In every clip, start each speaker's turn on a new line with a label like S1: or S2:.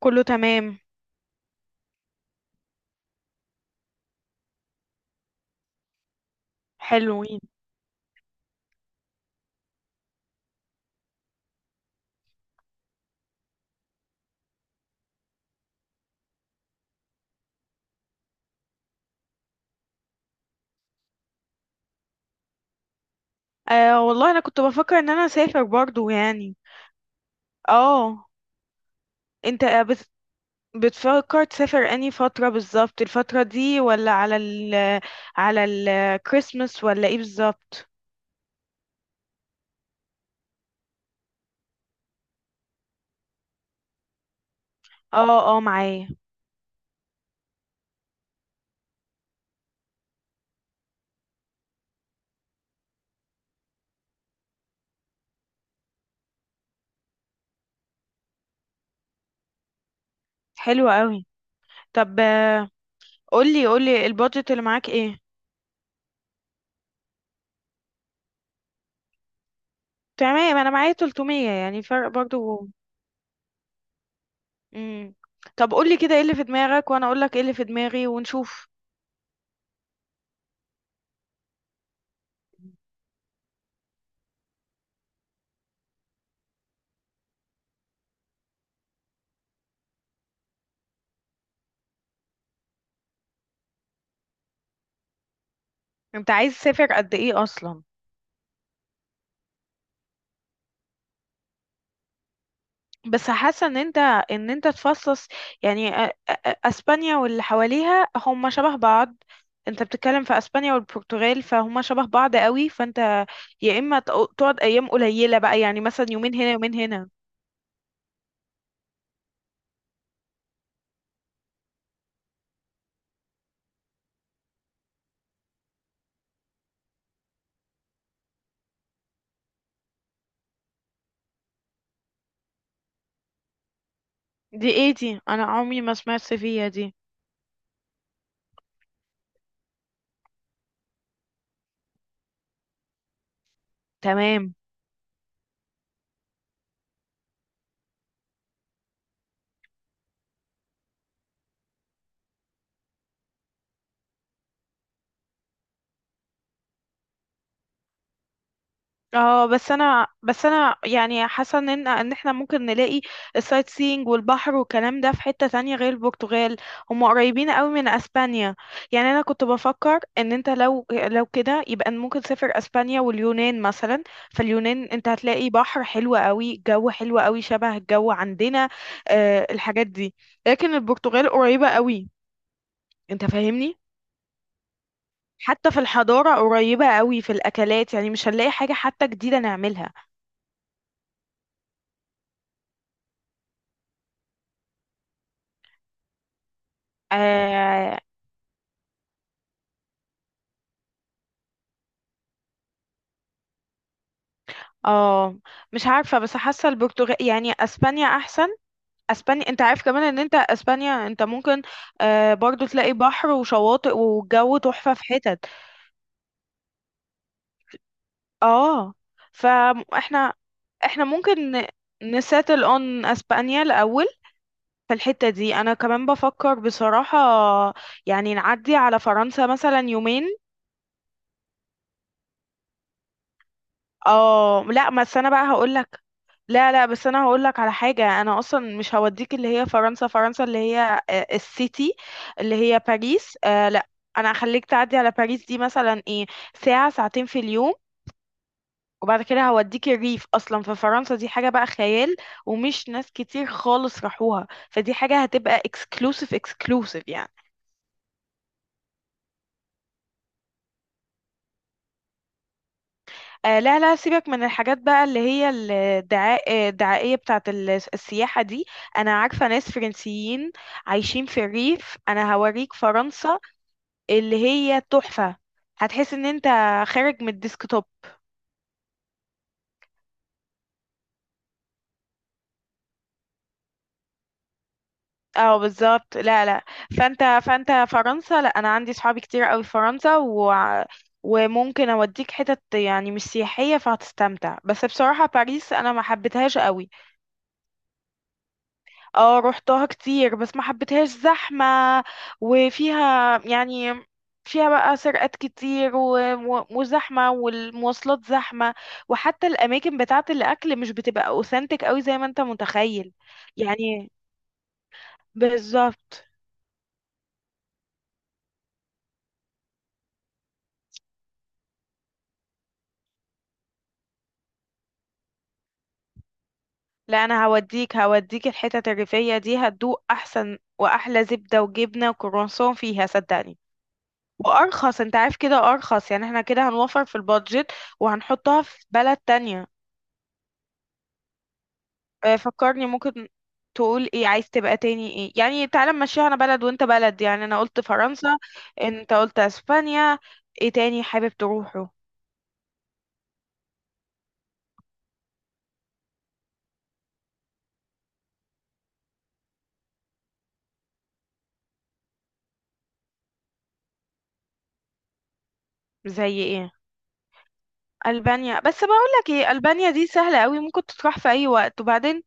S1: كله تمام. حلوين. آه والله انا كنت بفكر ان انا اسافر برضو يعني. اه، انت بتفكر تسافر انهي فترة بالظبط؟ الفترة دي ولا على الكريسماس ولا ايه بالظبط؟ اه اه، معايا. حلو قوي. طب قولي البادجت اللي معاك ايه؟ تمام، انا معايا 300، يعني فرق برضو. مم. طب قولي كده ايه اللي في دماغك وانا اقولك ايه اللي في دماغي ونشوف. انت عايز تسافر قد ايه اصلا؟ بس حاسه ان انت تفصص، يعني اسبانيا واللي حواليها هم شبه بعض. انت بتتكلم في اسبانيا والبرتغال فهم شبه بعض قوي، فانت يا اما تقعد ايام قليله بقى، يعني مثلا يومين هنا يومين هنا. دي ايه دي؟ انا عمري ما سمعت فيها دي. تمام. اه بس انا يعني حاسه ان احنا ممكن نلاقي السايت سينج والبحر والكلام ده في حته تانية غير البرتغال. هم قريبين قوي من اسبانيا. يعني انا كنت بفكر ان انت لو كده يبقى ممكن تسافر اسبانيا واليونان مثلا. فاليونان انت هتلاقي بحر حلو قوي، جو حلو قوي، شبه الجو عندنا. آه الحاجات دي، لكن البرتغال قريبه قوي، انت فاهمني. حتى في الحضاره قريبه قوي، في الاكلات يعني مش هنلاقي حاجه حتى جديده نعملها. آه. اه مش عارفة، بس حاسة البرتغال، يعني اسبانيا احسن. اسبانيا انت عارف كمان ان انت اسبانيا انت ممكن آه برضو تلاقي بحر وشواطئ، والجو تحفة في حتت. اه. فاحنا، احنا ممكن نساتل اون اسبانيا الاول. في الحتة دي انا كمان بفكر بصراحة يعني نعدي على فرنسا مثلا يومين. اه لا بس انا بقى هقولك، لا لا بس انا هقول لك على حاجه. انا اصلا مش هوديك اللي هي فرنسا، فرنسا اللي هي السيتي اللي هي باريس. لا، انا هخليك تعدي على باريس دي مثلا ايه، ساعه ساعتين في اليوم، وبعد كده هوديك الريف، اصلا في فرنسا دي حاجه بقى خيال. ومش ناس كتير خالص راحوها، فدي حاجه هتبقى اكسكلوسيف اكسكلوسيف يعني. آه لا لا، سيبك من الحاجات بقى اللي هي الدعاء آه، الدعائية بتاعت السياحة دي. أنا عارفة ناس فرنسيين عايشين في الريف، أنا هوريك فرنسا اللي هي تحفة. هتحس إن أنت خارج من الديسكتوب. اه بالظبط، لا لا، فانت فرنسا، لا انا عندي صحابي كتير قوي في فرنسا وممكن اوديك حتت يعني مش سياحية فهتستمتع. بس بصراحة باريس انا ما حبيتهاش قوي. اه روحتها كتير بس ما حبيتهاش، زحمة. وفيها يعني، فيها بقى سرقات كتير وزحمة والمواصلات زحمة، وحتى الأماكن بتاعة الأكل مش بتبقى أوثنتك أوي زي ما أنت متخيل. يعني، بالظبط. لا أنا هوديك، هوديك الحتت الريفية دي هتدوق أحسن وأحلى زبدة وجبنة وكرواسون فيها صدقني. وأرخص، أنت عارف كده، أرخص يعني، احنا كده هنوفر في البادجت، وهنحطها في بلد تانية. فكرني ممكن تقول ايه عايز تبقى تاني ايه يعني. تعالى نمشيها، انا بلد وانت بلد. يعني انا قلت فرنسا، انت قلت اسبانيا، ايه تاني حابب تروحه؟ زي ايه؟ البانيا، بس بقول لك ايه، البانيا دي سهله قوي ممكن تروح في اي وقت، وبعدين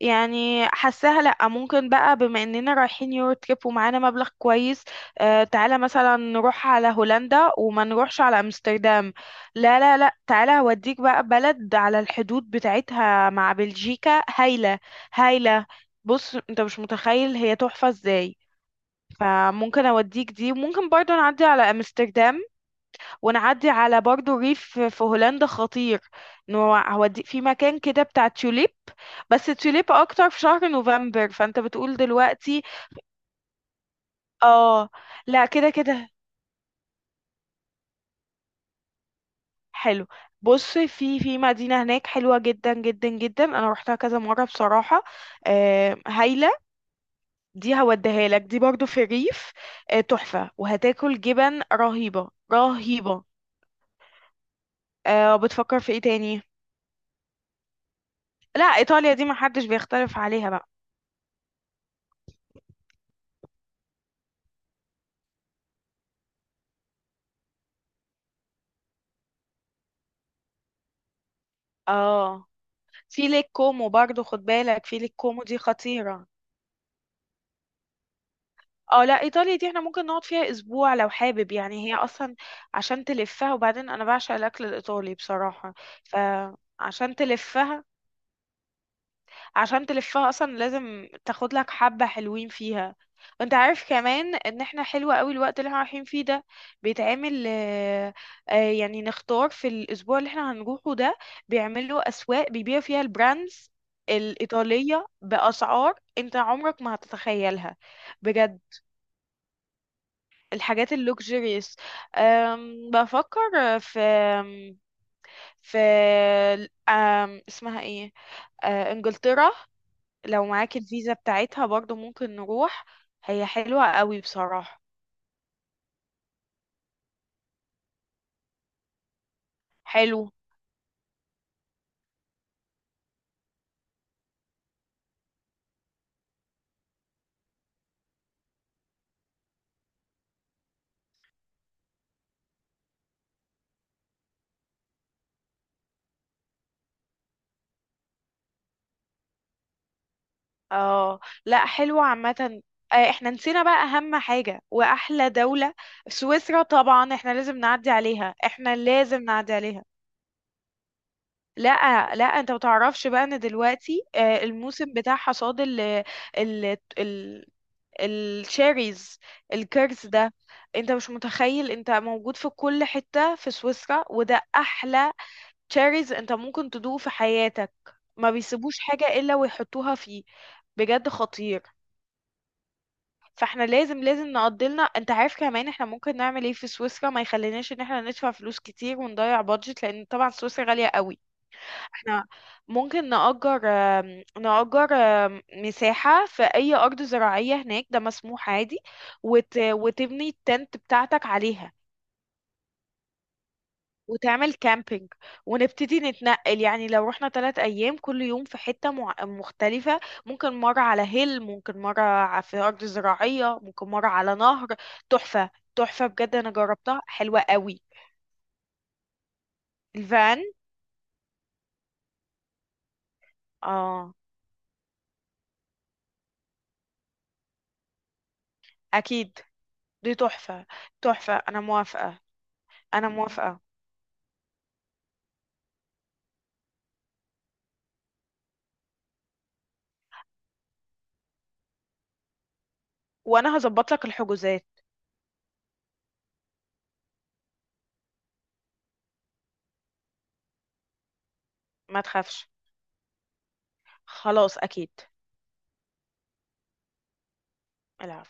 S1: يعني حاساها لأ. ممكن بقى بما إننا رايحين يورو تريب ومعانا مبلغ كويس، آه تعالى مثلا نروح على هولندا وما نروحش على أمستردام. لا لا لا، تعالى هوديك بقى بلد على الحدود بتاعتها مع بلجيكا هايلة، هايلة. بص، انت مش متخيل هي تحفة ازاي. فممكن اوديك دي، ممكن برضو نعدي على امستردام، ونعدي على برضو ريف في هولندا خطير، انه هودي في مكان كده بتاع توليب. بس توليب اكتر في شهر نوفمبر، فانت بتقول دلوقتي. اه، لا كده كده حلو. بص، في في مدينة هناك حلوة جدا جدا جدا، انا روحتها كذا مرة بصراحة. آه هايلة. دي هوديها لك، دي برضو في الريف. آه تحفة، وهتاكل جبن رهيبة رهيبة. آه، بتفكر في ايه تاني؟ لا ايطاليا دي محدش بيختلف عليها بقى. اه في ليك كومو برضو خد بالك، في ليك كومو دي خطيرة. اه لا ايطاليا دي احنا ممكن نقعد فيها اسبوع لو حابب، يعني هي اصلا عشان تلفها. وبعدين انا بعشق الاكل الايطالي بصراحة. فعشان تلفها، عشان تلفها اصلا لازم تاخد لك حبة حلوين فيها. وانت عارف كمان ان احنا حلوة قوي الوقت اللي احنا رايحين فيه ده، بيتعمل يعني نختار في الاسبوع اللي احنا هنروحه ده، بيعملوا اسواق بيبيعوا فيها البراندز الإيطالية بأسعار انت عمرك ما هتتخيلها، بجد، الحاجات اللوكسجريس. بفكر في في اسمها ايه، انجلترا. لو معاك الفيزا بتاعتها برضو ممكن نروح. هي حلوة قوي بصراحة. حلو. اه لا حلوة عامة. احنا نسينا بقى اهم حاجة واحلى دولة: سويسرا. طبعا احنا لازم نعدي عليها، احنا لازم نعدي عليها. لا لا، انت متعرفش بقى ان دلوقتي الموسم بتاع حصاد ال ال ال الشيريز، الكيرز ده. انت مش متخيل، انت موجود في كل حتة في سويسرا وده احلى تشاريز انت ممكن تدوقه في حياتك. ما بيسيبوش حاجة الا ويحطوها فيه، بجد خطير. فاحنا لازم لازم نقضلنا. انت عارف كمان احنا ممكن نعمل ايه في سويسرا ما يخليناش ان احنا ندفع فلوس كتير ونضيع بادجت، لان طبعا سويسرا غالية قوي. احنا ممكن نأجر نأجر مساحة في اي ارض زراعية هناك، ده مسموح عادي. وتبني التنت بتاعتك عليها، وتعمل كامبينج، ونبتدي نتنقل. يعني لو رحنا 3 أيام كل يوم في حتة مختلفة، ممكن مرة على هيل، ممكن مرة في أرض زراعية، ممكن مرة على نهر. تحفة، تحفة بجد، أنا جربتها حلوة قوي. الفان. اه أكيد دي تحفة، تحفة، أنا موافقة، أنا موافقة. وأنا هظبط لك الحجوزات. ما تخافش، خلاص أكيد. العفو.